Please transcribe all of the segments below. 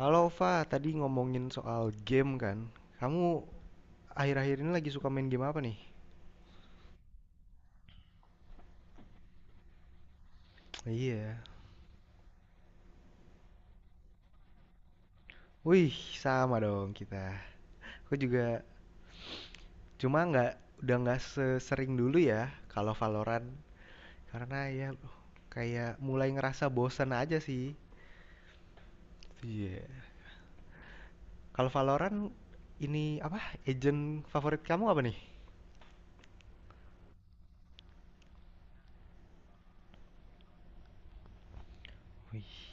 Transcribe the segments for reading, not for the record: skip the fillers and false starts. Halo Ova, tadi ngomongin soal game kan? Kamu akhir-akhir ini lagi suka main game apa nih? Iya. Wih, sama dong kita. Aku juga, cuma nggak udah nggak sesering dulu ya kalau Valorant, karena ya kayak mulai ngerasa bosan aja sih. Iya. Kalau Valorant ini apa? Agent favorit kamu apa nih? Wih.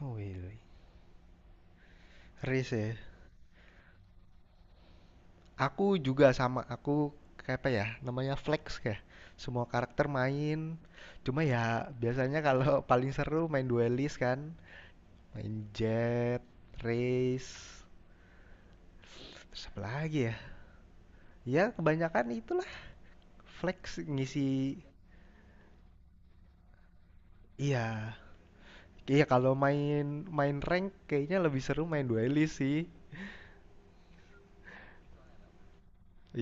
Oh, wih, wih. Riz ya. Aku juga sama, aku kayak apa ya, namanya flex, kayak semua karakter main. Cuma ya biasanya kalau paling seru main duelist kan, main jet, race, terus apa lagi ya? Ya kebanyakan itulah, flex ngisi. Iya. Iya, kalau main main rank kayaknya lebih seru main duelist sih.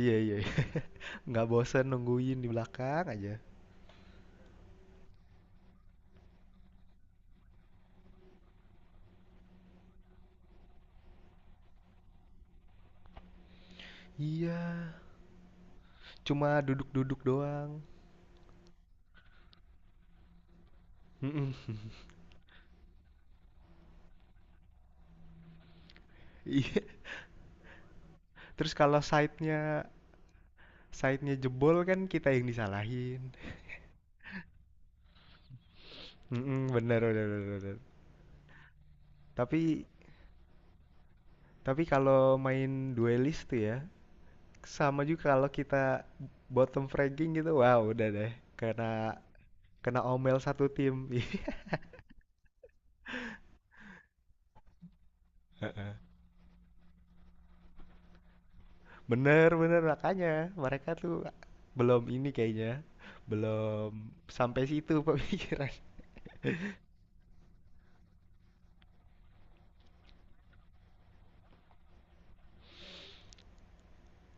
Iya, iya, iya. Nggak bosen nungguin di belakang aja. Iya, cuma duduk-duduk doang. Iya. Terus kalau side-nya jebol kan kita yang disalahin. Mhm, benar, benar, benar, benar. Tapi tapi kalau main duelist tuh ya, sama juga kalau kita bottom fragging gitu, wow, udah deh kena kena omel satu tim. Bener, bener, makanya mereka tuh belum ini kayaknya, belum sampai situ pemikiran.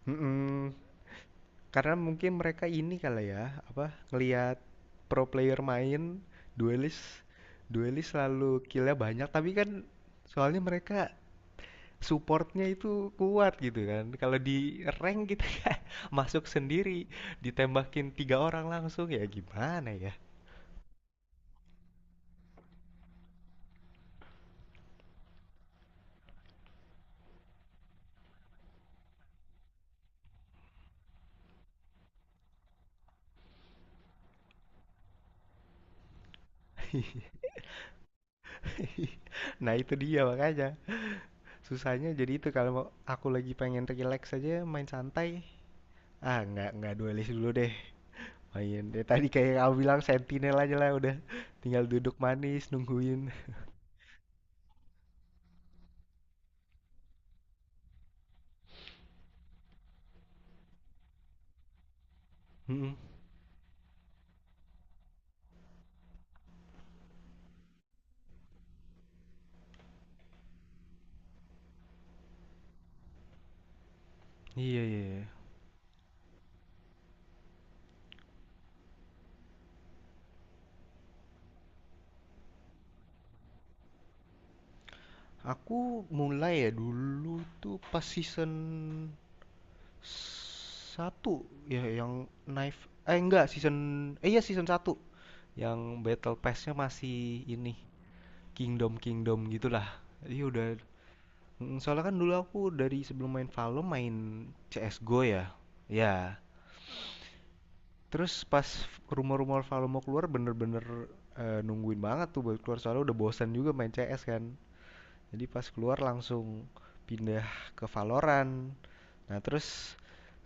Mhm. Karena mungkin mereka ini kali ya, apa ngelihat pro player main duelist, duelist selalu killnya banyak, tapi kan soalnya mereka supportnya itu kuat gitu kan. Kalau di rank kita kan masuk sendiri ditembakin tiga orang langsung, ya gimana ya. Nah itu dia, makanya susahnya jadi itu kalau aku lagi pengen relax aja main santai, ah nggak duelist dulu deh. Oh iya, dari tadi kayak yang kamu bilang, sentinel aja lah, udah tinggal duduk manis nungguin. Mhm. Iya, iya, iya. Aku mulai ya dulu tuh pas season satu ya yang knife, eh enggak season, eh iya season satu yang battle pass-nya masih ini kingdom kingdom gitulah. Jadi udah. Soalnya kan dulu aku dari sebelum main valor, main CS:GO ya. Ya, terus pas rumor-rumor Valo mau keluar bener-bener, nungguin banget tuh buat keluar, soalnya udah bosan juga main CS kan. Jadi pas keluar langsung pindah ke Valorant. Nah, terus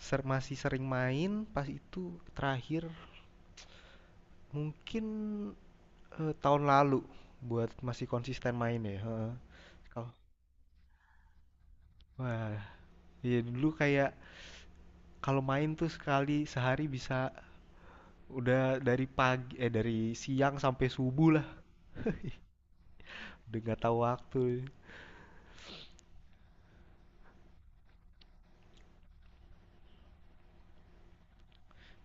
masih sering main, pas itu terakhir mungkin, tahun lalu buat masih konsisten main ya. Heeh. Kalau wah, iya dulu kayak kalau main tuh sekali sehari bisa udah dari pagi, eh dari siang sampai subuh lah. Udah nggak tahu waktu.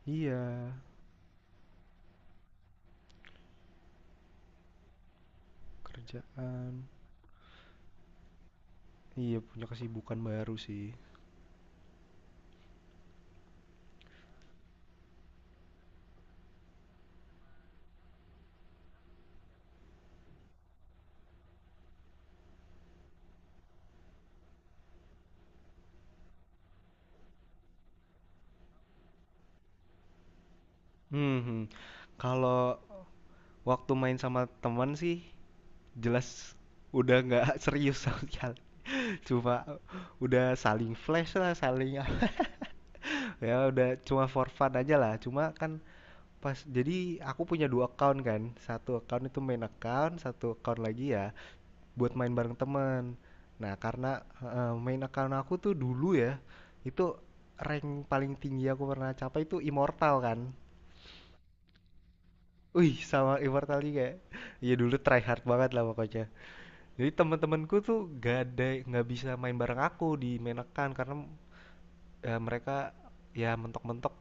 Iya, kerjaan. Iya, punya kesibukan baru sih. Hmm, Kalau waktu main sama teman sih jelas udah nggak serius sama sekali. Cuma udah saling flash lah, saling ya udah cuma for fun aja lah. Cuma kan pas jadi aku punya dua account kan. Satu account itu main account, satu account lagi ya buat main bareng teman. Nah, karena heeh, main account aku tuh dulu ya, itu rank paling tinggi aku pernah capai itu Immortal kan. Wih, sama, Immortal juga. Iya dulu try hard banget lah pokoknya. Jadi teman-temanku tuh gak ada, nggak bisa main bareng aku di main account, karena mereka ya mentok-mentok,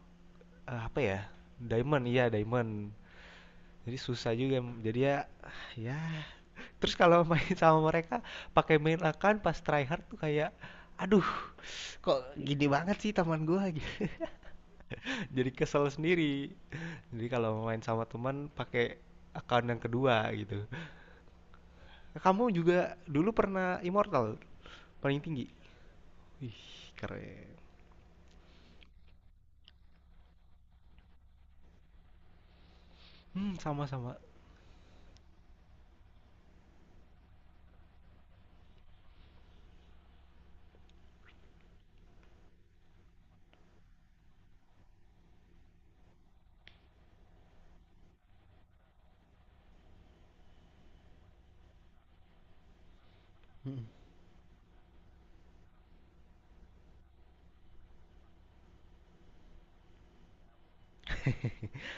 apa ya? Diamond, iya diamond. Jadi susah juga. Jadi ya, ya, terus kalau main sama mereka pakai main akan pas tryhard tuh kayak aduh, kok gini banget sih taman gua. Jadi kesel sendiri, jadi kalau main sama teman pakai akun yang kedua gitu. Kamu juga dulu pernah immortal paling tinggi? Wih keren. Sama-sama.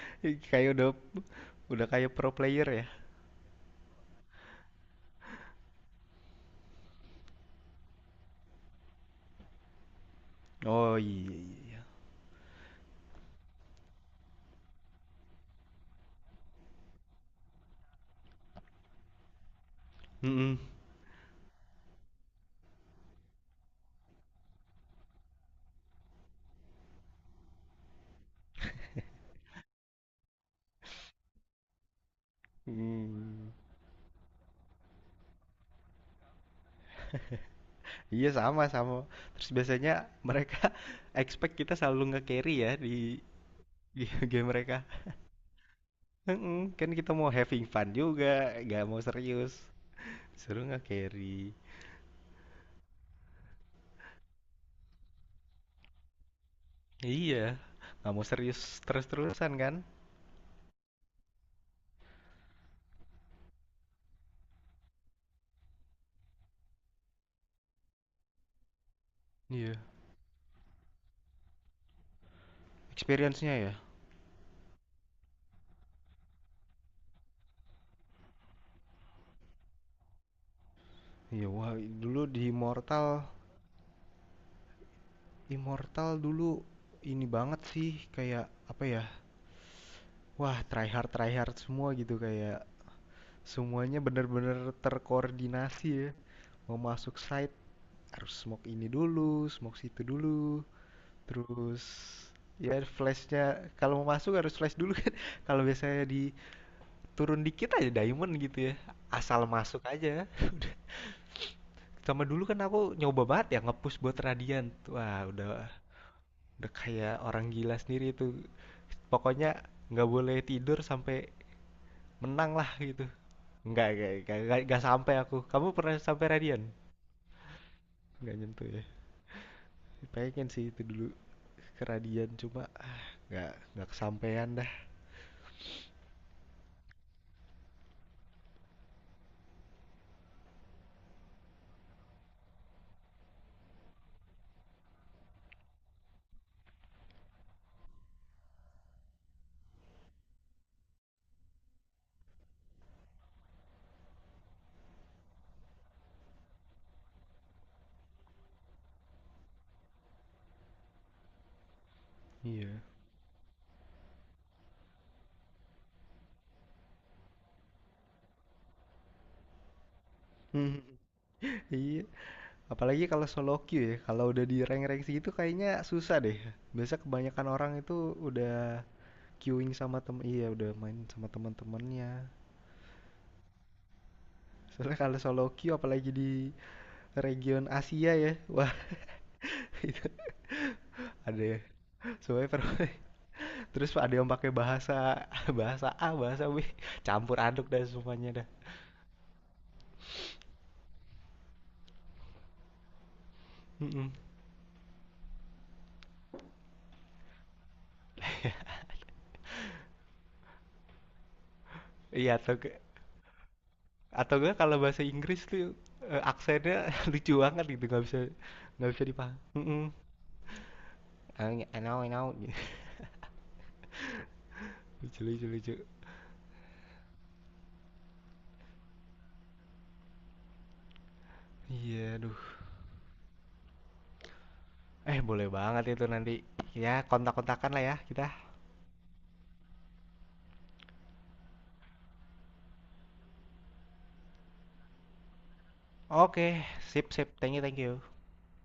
Kayak udah kayak pro player ya. Oh, iya, iya, iya. Hmm. Iya, sama, sama. Terus biasanya mereka expect kita selalu nge-carry ya di di game mereka. Mm-mm, kan kita mau having fun juga, nggak mau serius. Seru nge-carry. Iya, nggak mau serius terus-terusan kan? Iya. Experience-nya ya. Iya, wah dulu di Immortal, Immortal dulu ini banget sih, kayak apa ya? Wah, try hard semua gitu, kayak semuanya bener-bener terkoordinasi ya, mau masuk site harus smoke ini dulu, smoke situ dulu, terus ya flashnya kalau mau masuk harus flash dulu kan. Kalau biasanya di turun dikit aja diamond gitu ya, asal masuk aja. Udah. Sama, dulu kan aku nyoba banget ya ngepush buat radian. Wah udah kayak orang gila sendiri itu. Pokoknya nggak boleh tidur sampai menang lah gitu. Nggak, enggak, nggak, enggak, sampai aku. Kamu pernah sampai radian? Nggak nyentuh ya. Pengen sih itu dulu ke Radian, cuma ah nggak kesampaian dah. Iya. Hmm, iya apalagi kalau solo queue ya, kalau udah di rank-rank segitu kayaknya susah deh. Biasa kebanyakan orang itu udah queuing sama iya udah main sama teman-temannya. Soalnya kalau solo queue apalagi di region Asia ya, wah. Itu ada ya, soalnya terus ada yang pakai bahasa bahasa A bahasa B, campur aduk dan semuanya dah. Mm-mm. Iya, atau ke- atau enggak kalau bahasa Inggris tuh, aksennya lucu banget gitu, nggak bisa dipaham. Mm-mm. I know I know. Lucu, lucu, lucu. Iya, aduh. Eh boleh banget itu nanti. Ya kontak-kontakan lah ya kita. Oke, sip sip. Thank you, thank you.